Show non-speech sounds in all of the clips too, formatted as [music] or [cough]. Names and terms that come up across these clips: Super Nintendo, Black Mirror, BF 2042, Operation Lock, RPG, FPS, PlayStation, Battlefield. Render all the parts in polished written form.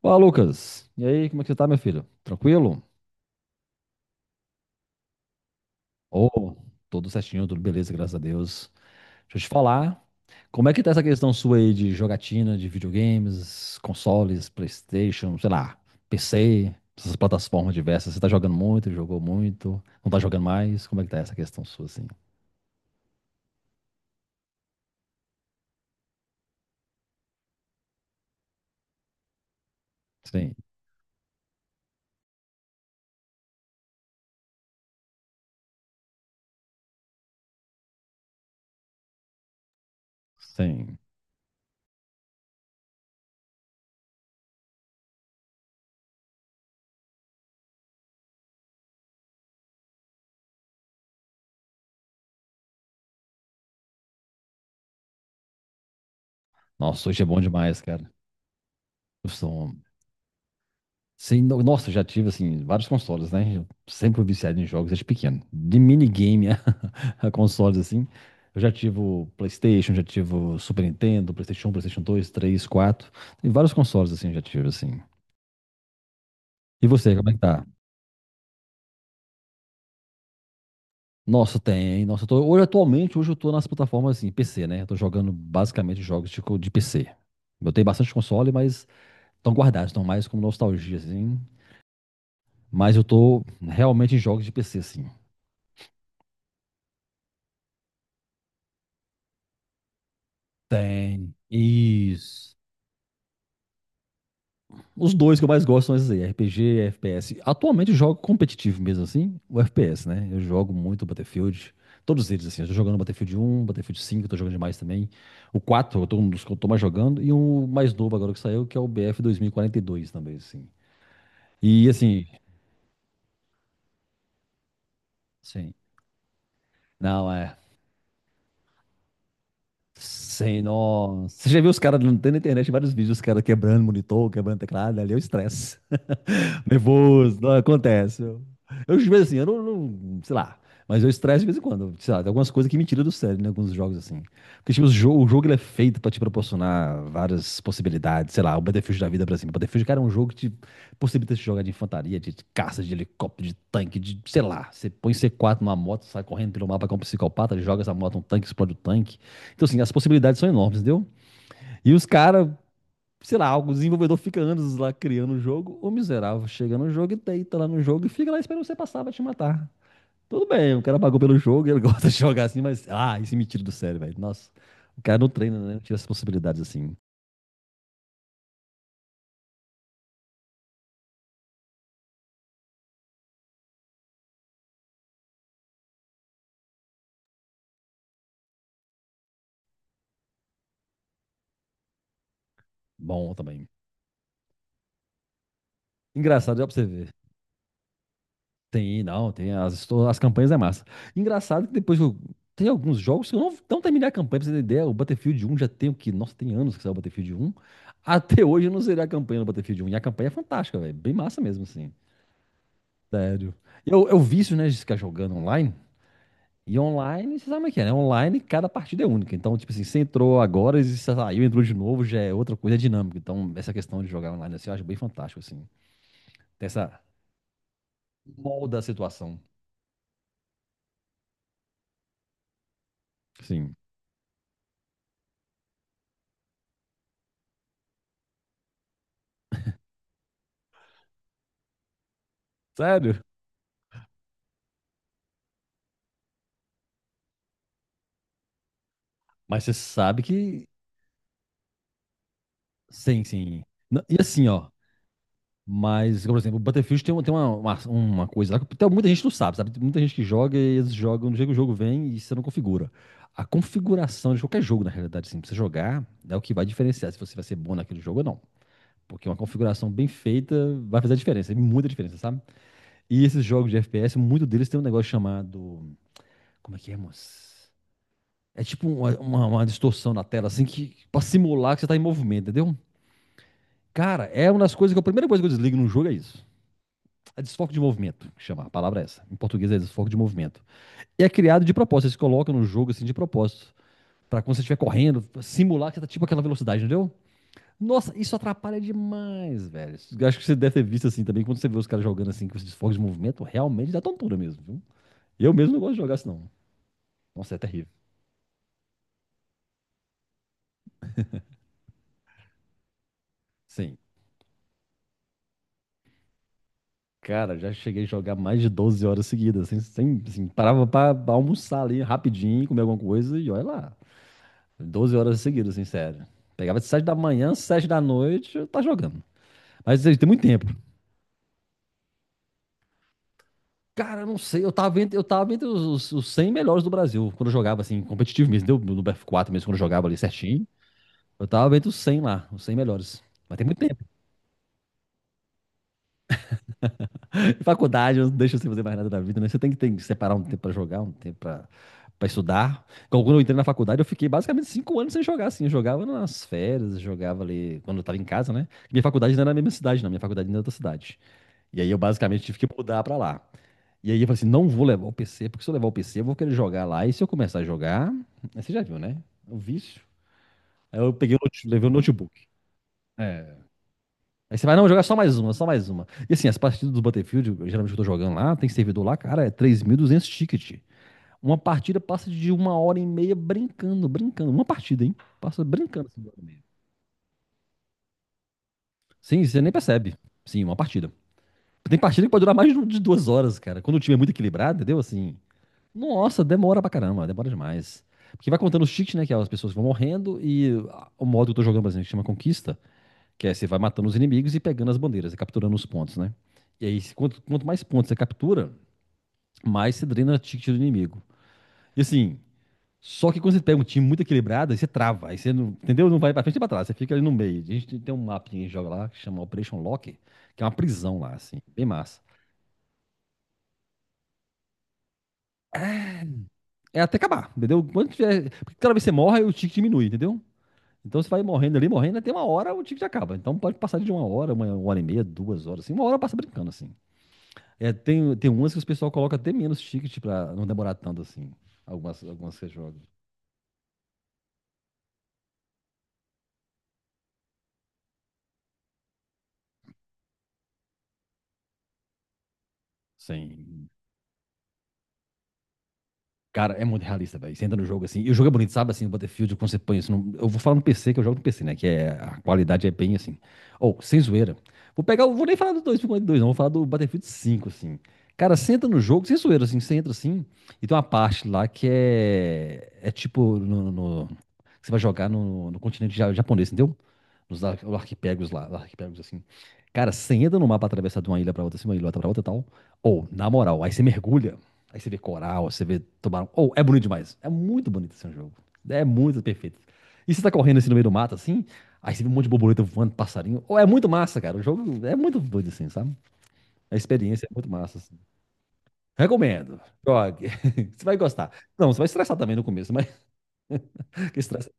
Fala, Lucas. E aí, como é que você tá, meu filho? Tranquilo? Oh, tudo certinho, tudo beleza, graças a Deus. Deixa eu te falar, como é que tá essa questão sua aí de jogatina, de videogames, consoles, PlayStation, sei lá, PC, essas plataformas diversas. Você tá jogando muito, jogou muito, não tá jogando mais? Como é que tá essa questão sua, assim? Sim, sim. Nossa, hoje é bom demais, cara. Eu sou- um Sim, nossa, eu já tive assim vários consoles, né? Eu sempre fui viciado em jogos desde pequeno. De minigame [laughs] a consoles assim. Eu já tive o PlayStation, já tive o Super Nintendo, PlayStation 1, PlayStation 2, 3, 4 Tem vários consoles assim, eu já tive assim. E você, como é que tá? Nossa, tem. Nossa, eu tô, hoje atualmente, hoje eu tô nas plataformas assim, PC, né? Eu tô jogando basicamente jogos de, de PC. Eu tenho bastante console, mas estão guardados, estão mais como nostalgia assim. Mas eu tô realmente em jogos de PC assim. Tem. Isso. Os dois que eu mais gosto são esses aí, RPG e FPS. Atualmente eu jogo competitivo mesmo assim, o FPS, né? Eu jogo muito Battlefield, todos eles assim. Eu tô jogando Battlefield 1, Battlefield 5, eu tô jogando demais também. O 4, eu tô um dos que eu tô mais jogando. E o mais novo agora que saiu, que é o BF 2042 também, assim. E assim, sim. Não, é. Sem nossa. Você já viu os caras, não tem na internet vários vídeos, os caras quebrando monitor, quebrando teclado, ali é o estresse. [laughs] Nervoso, não, acontece. Eu, de vez assim, eu sei lá, mas eu estresse de vez em quando, sei lá, tem algumas coisas que me tiram do sério, né, alguns jogos assim. Porque, tipo, o jogo ele é feito pra te proporcionar várias possibilidades, sei lá, o Battlefield da vida, por exemplo. O Battlefield, cara, é um jogo que te possibilita se jogar de infantaria, de caça, de helicóptero, de tanque, de, sei lá. Você põe C4 numa moto, sai correndo pelo mapa como um psicopata, joga essa moto, um tanque, explode o tanque. Então, assim, as possibilidades são enormes, entendeu? E os caras, sei lá, o desenvolvedor fica anos lá criando o jogo, o miserável chega no jogo e deita lá no jogo e fica lá esperando você passar pra te matar. Tudo bem, o cara pagou pelo jogo, ele [laughs] gosta de jogar assim, mas, ah, isso me tira do sério, velho. Nossa, o cara não treina, né? Não tira as possibilidades assim. Bom também. Engraçado, já pra você ver. Tem, não, tem. As campanhas é massa. Engraçado que depois eu, tem alguns jogos que eu não terminei a campanha, pra você ter ideia. O Battlefield 1 já tem o que? Nossa, tem anos que saiu o Battlefield 1. Até hoje eu não zerei a campanha do Battlefield 1. E a campanha é fantástica, velho. Bem massa mesmo, assim. Sério. Eu vício, né, de ficar jogando online. E online, você sabe como é que é, né? Online, cada partida é única. Então, tipo assim, você entrou agora, e você saiu, entrou de novo, já é outra coisa, é dinâmico. Então, essa questão de jogar online, assim, eu acho bem fantástico, assim. Tem essa molda a situação. Sim. Sério? Mas você sabe que. Sim, sim. E assim, ó. Mas, por exemplo, o Battlefield tem, tem uma coisa lá que até muita gente não sabe, sabe? Tem muita gente que joga e eles jogam, do jeito que o jogo vem e você não configura. A configuração de qualquer jogo, na realidade, assim, pra você jogar, é o que vai diferenciar se você vai ser bom naquele jogo ou não. Porque uma configuração bem feita vai fazer a diferença, e muita diferença, sabe? E esses jogos de FPS, muito deles tem um negócio chamado. Como é que é, moço? É tipo uma distorção na tela, assim, que, pra simular que você tá em movimento, entendeu? Cara, é uma das coisas que a primeira coisa que eu desligo num jogo é isso. É desfoque de movimento, que chama. A palavra é essa. Em português é desfoque de movimento. E é criado de propósito. Eles colocam no jogo assim de propósito. Pra quando você estiver correndo, simular que você tá tipo aquela velocidade, entendeu? Nossa, isso atrapalha demais, velho. Eu acho que você deve ter visto assim também. Quando você vê os caras jogando assim com esses desfoques de movimento, realmente dá tontura mesmo, viu? Eu mesmo não gosto de jogar assim, não. Nossa, é terrível. Sim. Cara, já cheguei a jogar mais de 12 horas seguidas, sem, sem assim, parava pra almoçar ali rapidinho, comer alguma coisa e olha lá. 12 horas seguidas, assim, sério. Pegava de 7 da manhã, 7 da noite, eu tá jogando. Mas assim, tem muito tempo. Cara, eu não sei, eu tava entre os 100 melhores do Brasil, quando eu jogava, assim, competitivo mesmo, deu no BF 4 mesmo, quando eu jogava ali certinho. Eu tava entre os 100 lá, os 100 melhores. Mas tem muito tempo. [laughs] Faculdade, eu não deixo você fazer mais nada da vida, né? Você tem que separar um tempo pra jogar, um tempo pra, pra estudar. Então, quando eu entrei na faculdade, eu fiquei basicamente 5 anos sem jogar, assim. Eu jogava nas férias, jogava ali quando eu tava em casa, né? Minha faculdade não era na mesma cidade, não. Minha faculdade era em outra cidade. E aí eu basicamente tive que mudar pra lá. E aí eu falei assim, não vou levar o PC, porque se eu levar o PC, eu vou querer jogar lá. E se eu começar a jogar, aí você já viu, né? O vício. Aí eu peguei, levei o notebook. É. Aí você vai, não, vou jogar só mais uma, só mais uma. E assim, as partidas do Battlefield, geralmente eu tô jogando lá, tem servidor lá, cara, é 3.200 ticket. Uma partida passa de uma hora e meia brincando, brincando. Uma partida, hein? Passa brincando assim, uma hora e meia. Sim, você nem percebe. Sim, uma partida. Tem partida que pode durar mais de 2 horas, cara. Quando o time é muito equilibrado, entendeu? Assim, nossa, demora pra caramba, demora demais. Porque vai contando os cheats, né? Que é as pessoas que vão morrendo e ah, o modo que eu tô jogando, por exemplo, que chama Conquista, que é você vai matando os inimigos e pegando as bandeiras, e capturando os pontos, né? E aí, quanto, quanto mais pontos você captura, mais você drena cheat do inimigo. E assim, só que quando você pega um time muito equilibrado, aí você trava, aí você não, entendeu? Não vai pra frente e pra trás, você fica ali no meio. A gente tem um mapa que a gente joga lá, que chama Operation Lock, que é uma prisão lá, assim, bem massa. É até acabar, entendeu? Quando tiver. Porque cada vez que você morre, o tick diminui, entendeu? Então você vai morrendo ali, morrendo, até uma hora o ticket acaba. Então pode passar de uma hora e meia, duas horas, assim. Uma hora passa brincando, assim. É, tem, tem umas que os pessoal coloca até menos ticket pra não demorar tanto, assim. Algumas, algumas que jogam. Sim. Cara, é muito realista, velho. Você entra no jogo assim. E o jogo é bonito, sabe? Assim, o Battlefield, quando você põe isso. Eu vou falar no PC, que eu jogo no PC, né? Que é... a qualidade é bem assim. Ou, sem zoeira. Vou pegar. Vou nem falar do 2042, não. Vou falar do Battlefield 5, assim. Cara, você entra no jogo, sem zoeira, assim. Você entra assim. E tem uma parte lá que é. É tipo. Você vai jogar no continente japonês, entendeu? Nos arquipélagos lá. Arquipélagos assim. Cara, você entra no mapa atravessar de uma ilha pra outra, assim, uma ilha pra outra e tal. Ou, na moral, aí você mergulha. Aí você vê coral, você vê tubarão. Oh, é bonito demais. É muito bonito esse jogo. É muito perfeito. E você tá correndo assim no meio do mato, assim, aí você vê um monte de borboleta voando, passarinho. Oh, é muito massa, cara. O jogo é muito doido, assim, sabe? A experiência é muito massa, assim. Recomendo. Jogue. [laughs] Você vai gostar. Não, você vai estressar também no começo, mas [laughs] que estressa.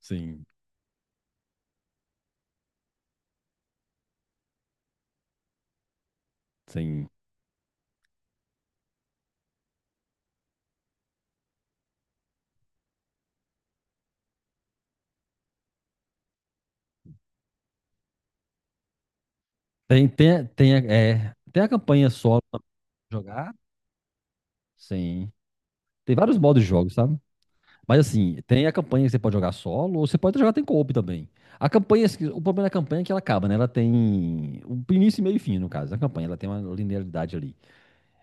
Sim, sim. Tem, é, tem a campanha solo pra jogar. Sim. Tem vários modos de jogo, sabe? Mas assim, tem a campanha que você pode jogar solo, ou você pode jogar tem co-op também. A campanha, assim, o problema da campanha é que ela acaba, né? Ela tem um início, meio e fim, no caso. A campanha, ela tem uma linearidade ali.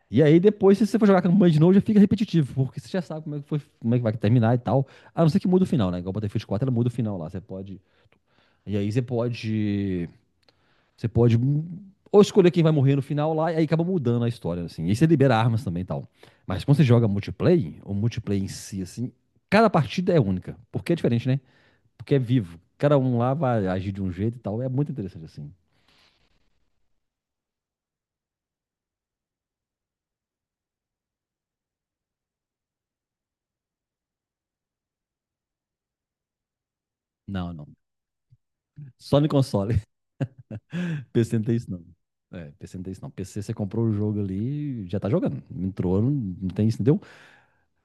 E aí depois, se você for jogar a campanha de novo, já fica repetitivo, porque você já sabe como é que foi, como é que vai terminar e tal. A não ser que muda o final, né? Igual o Battlefield 4, ela muda o final lá. Você pode. E aí você pode ou escolher quem vai morrer no final lá, e aí acaba mudando a história, assim. E aí você libera armas também e tal. Mas quando você joga multiplayer, o multiplayer em si, assim, cada partida é única. Porque é diferente, né? Porque é vivo. Cada um lá vai agir de um jeito e tal. É muito interessante, assim. Não, não. Só no console. [laughs] PC não tem isso, não. É, PC não tem isso, não. PC você comprou o jogo ali, já tá jogando. Entrou, não, não tem isso, não deu.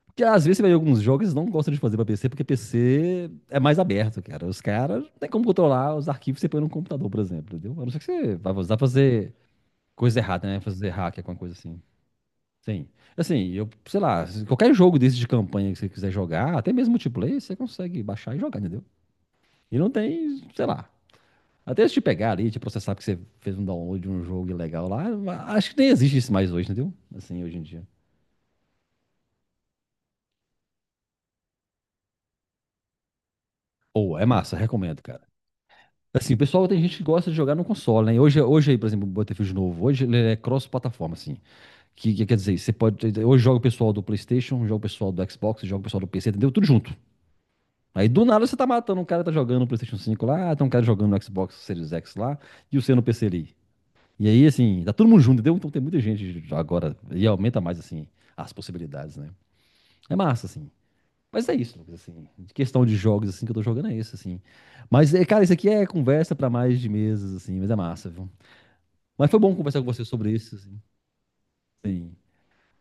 Porque às vezes você vê alguns jogos que eles não gostam de fazer pra PC, porque PC é mais aberto, cara. Os caras não tem como controlar os arquivos que você põe no computador, por exemplo, entendeu? A não ser que você vai usar pra fazer coisa errada, né? Fazer hack, alguma coisa assim. Sim. Assim, eu, sei lá, se qualquer jogo desse de campanha que você quiser jogar, até mesmo multiplayer, você consegue baixar e jogar, entendeu? E não tem, sei lá. Até se te pegar ali, te processar porque você fez um download de um jogo ilegal lá, acho que nem existe isso mais hoje, entendeu? Assim, hoje em dia. Ou, é massa, recomendo, cara. Assim, o pessoal tem gente que gosta de jogar no console, né? Hoje, hoje aí, por exemplo, o Battlefield novo, hoje ele é cross-plataforma, assim. Que quer dizer, você pode. Hoje joga o pessoal do PlayStation, joga o pessoal do Xbox, joga o pessoal do PC, entendeu? Tudo junto. Aí do nada você tá matando, um cara tá jogando no PlayStation 5 lá, tem um cara jogando no Xbox Series X lá, e o seu no PC ali. E aí, assim, tá todo mundo junto, entendeu? Então tem muita gente agora, e aumenta mais, assim, as possibilidades, né? É massa, assim. Mas é isso, Lucas, assim, de questão de jogos, assim, que eu tô jogando é isso, assim. Mas, é, cara, isso aqui é conversa pra mais de meses, assim, mas é massa, viu? Mas foi bom conversar com você sobre isso, assim. Sim.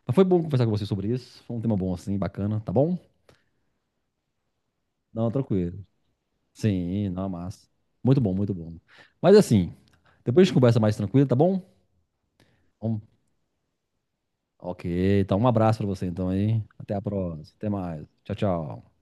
Mas foi bom conversar com você sobre isso, foi um tema bom, assim, bacana, tá bom? Não, tranquilo. Sim, não, é massa. Muito bom, muito bom. Mas, assim, depois a gente conversa mais tranquilo, tá bom? Vamos- Ok, então um abraço pra você, então, aí. Até a próxima, até mais. Tchau, tchau.